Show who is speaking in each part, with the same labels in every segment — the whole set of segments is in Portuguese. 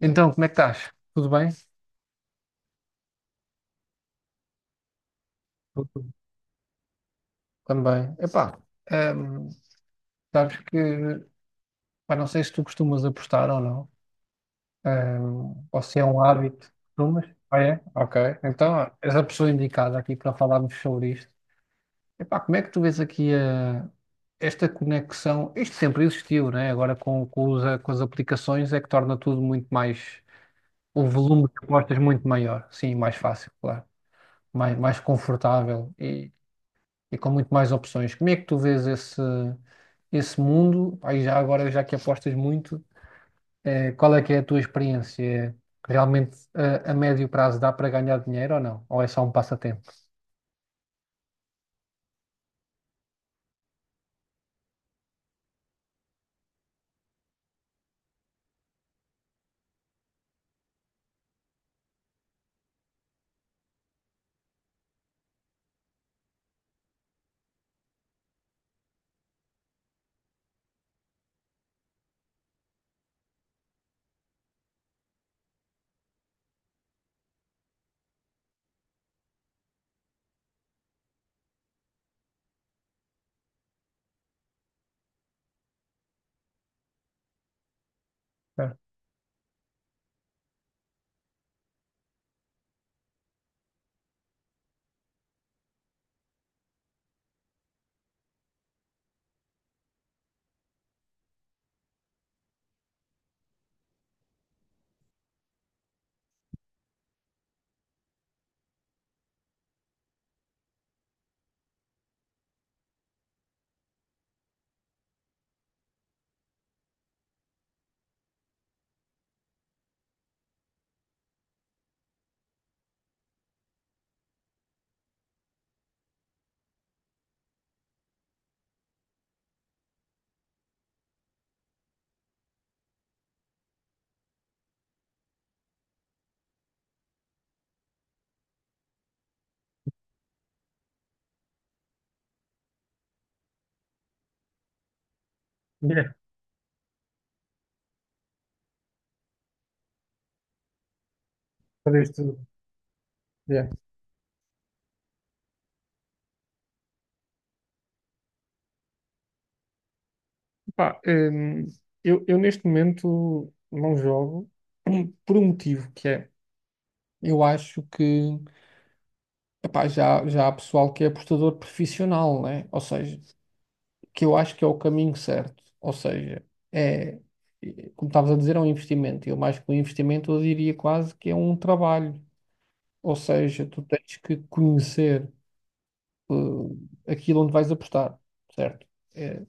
Speaker 1: Então, como é que estás? Tudo bem? Tudo também. Epá, hum, sabes que, pá, não sei se tu costumas apostar ou não, ou se é um hábito. Costumas? Ah, é? Ok. Então, és a pessoa indicada aqui para falarmos sobre isto. Epá, como é que tu vês aqui esta conexão? Isto sempre existiu, né? Agora com com as aplicações é que torna tudo muito mais, o volume de apostas muito maior. Sim, mais fácil, claro. Mais confortável e com muito mais opções. Como é que tu vês esse mundo? Pá, e já agora, já que apostas muito, qual é que é a tua experiência? É, Realmente, a médio prazo dá para ganhar dinheiro ou não? Ou é só um passatempo? Ah, yeah, fazer isto tudo. Yeah. Pá, eu neste momento não jogo por um motivo que é, eu acho que epá, já há pessoal que é apostador profissional, né? Ou seja, que eu acho que é o caminho certo. Ou seja, é, como estavas a dizer, é um investimento. Eu mais que um investimento, eu diria quase que é um trabalho. Ou seja, tu tens que conhecer aquilo onde vais apostar, certo? É,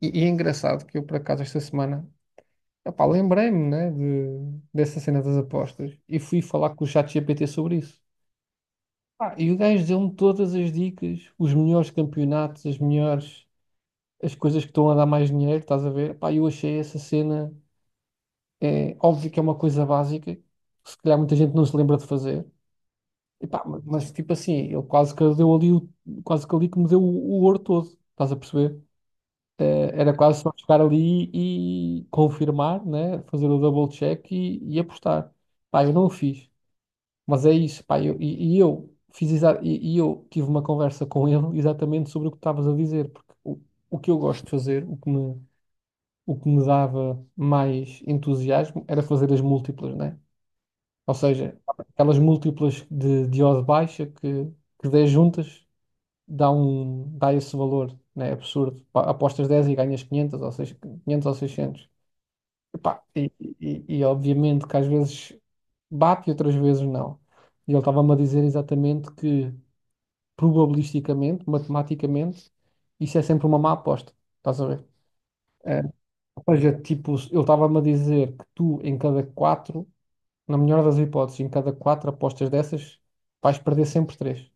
Speaker 1: e é engraçado que eu, por acaso, esta semana, epá, lembrei-me, né, dessa cena das apostas e fui falar com o ChatGPT sobre isso. Pá, e o gajo deu-me todas as dicas, os melhores campeonatos, as coisas que estão a dar mais dinheiro, estás a ver? Pá, eu achei essa cena, é óbvio que é uma coisa básica, que se calhar muita gente não se lembra de fazer. E pá, mas tipo assim, ele quase que deu ali, quase que ali que me deu o ouro todo, estás a perceber? Era quase só chegar ali e confirmar, né? Fazer o double check e apostar. Pá, eu não o fiz, mas é isso, pá, eu, e eu fiz exa- e eu tive uma conversa com ele exatamente sobre o que estavas a dizer, porque o que eu gosto de fazer, o que me dava mais entusiasmo era fazer as múltiplas, né? Ou seja, aquelas múltiplas de odd baixa que 10 juntas dá esse valor, né? Absurdo. Pá, apostas 10 e ganhas 500 ou, 6, 500 ou 600. Epá, e obviamente que às vezes bate e outras vezes não. E ele estava-me a dizer exatamente que probabilisticamente, matematicamente, isso é sempre uma má aposta. Estás a ver? É, Ou seja, tipo, eu estava-me a dizer que tu, em cada quatro, na melhor das hipóteses, em cada quatro apostas dessas, vais perder sempre três.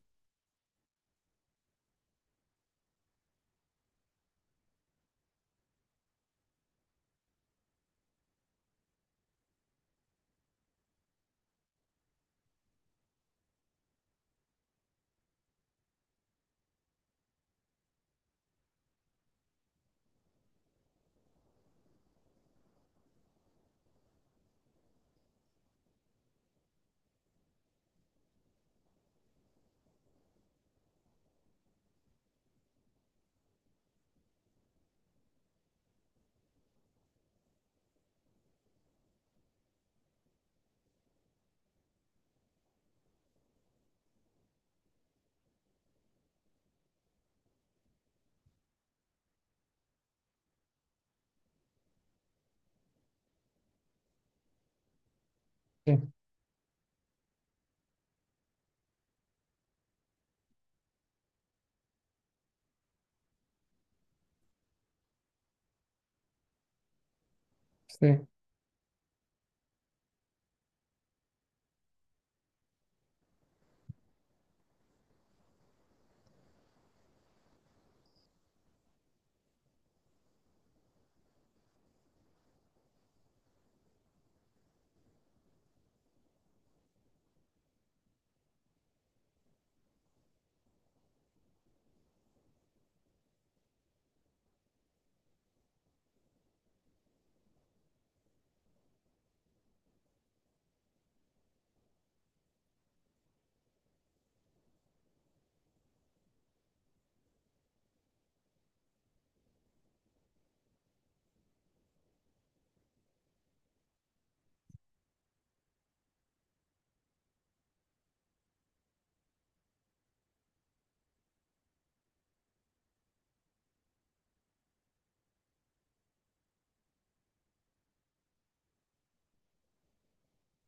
Speaker 1: Sim, sim,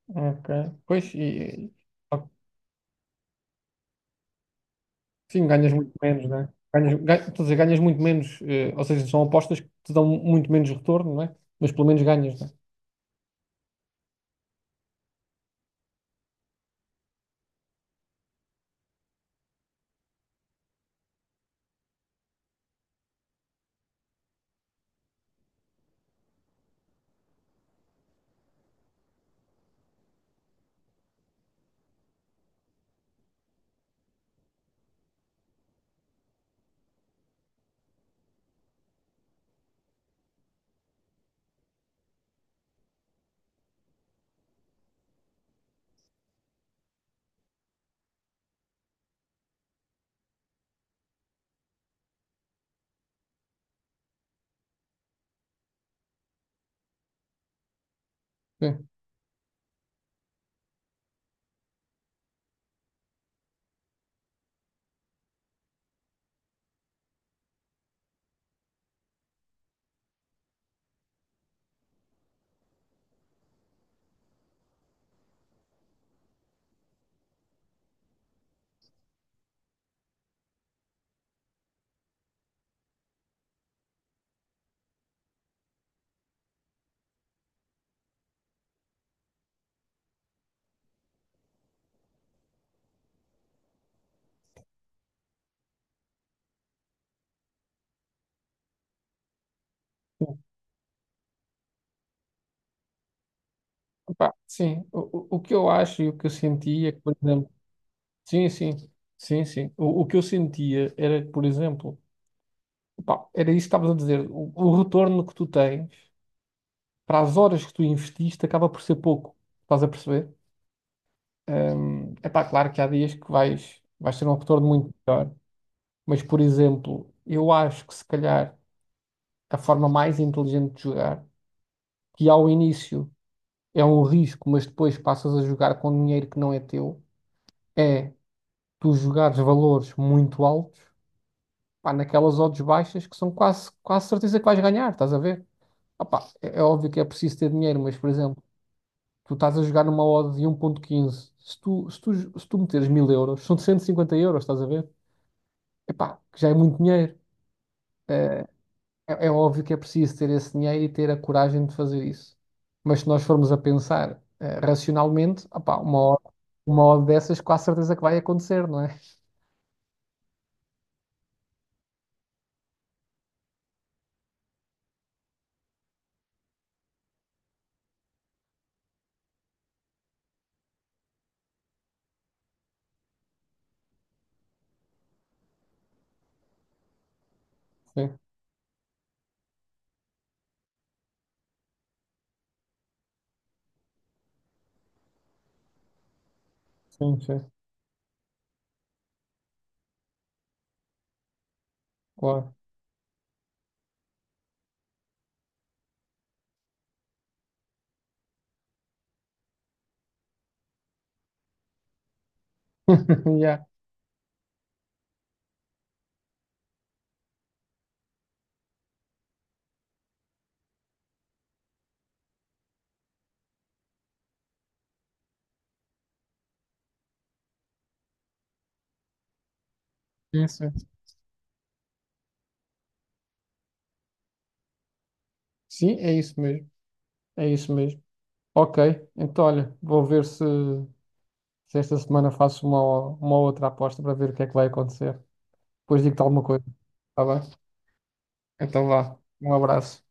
Speaker 1: ok. Pois, sim, ganhas muito menos, né? Estou a dizer, ganhas muito menos, ou seja, são apostas que te dão muito menos retorno, não é? Mas pelo menos ganhas, né? Sim, epá, sim. O que eu acho e o que eu sentia, por exemplo, sim, sim, sim, sim. O que eu sentia era, que, por exemplo, pá, era isso que estavas a dizer. O retorno que tu tens para as horas que tu investiste acaba por ser pouco. Estás a perceber? É pá, claro que há dias que vais ter um retorno muito melhor. Mas, por exemplo, eu acho que se calhar a forma mais inteligente de jogar, que ao início é um risco, mas depois passas a jogar com dinheiro que não é teu, é tu jogares valores muito altos, pá, naquelas odds baixas que são quase, quase certeza que vais ganhar, estás a ver? Opá, é óbvio que é preciso ter dinheiro, mas, por exemplo. Tu estás a jogar numa odd de 1,15. Se tu meteres 1.000 euros, são 150 euros, estás a ver? Epá, que já é muito dinheiro. Eh, é óbvio que é preciso ter esse dinheiro e ter a coragem de fazer isso. Mas se nós formos a pensar, racionalmente, opá, uma odd dessas, com a certeza que vai acontecer, não é? Sim, sim, sim, claro. Yeah, é isso. Sim, é isso mesmo. É isso mesmo. Ok, então olha, vou ver se esta semana faço uma outra aposta para ver o que é que vai acontecer. Depois digo-te alguma coisa. Está bem? Então vá. Um abraço.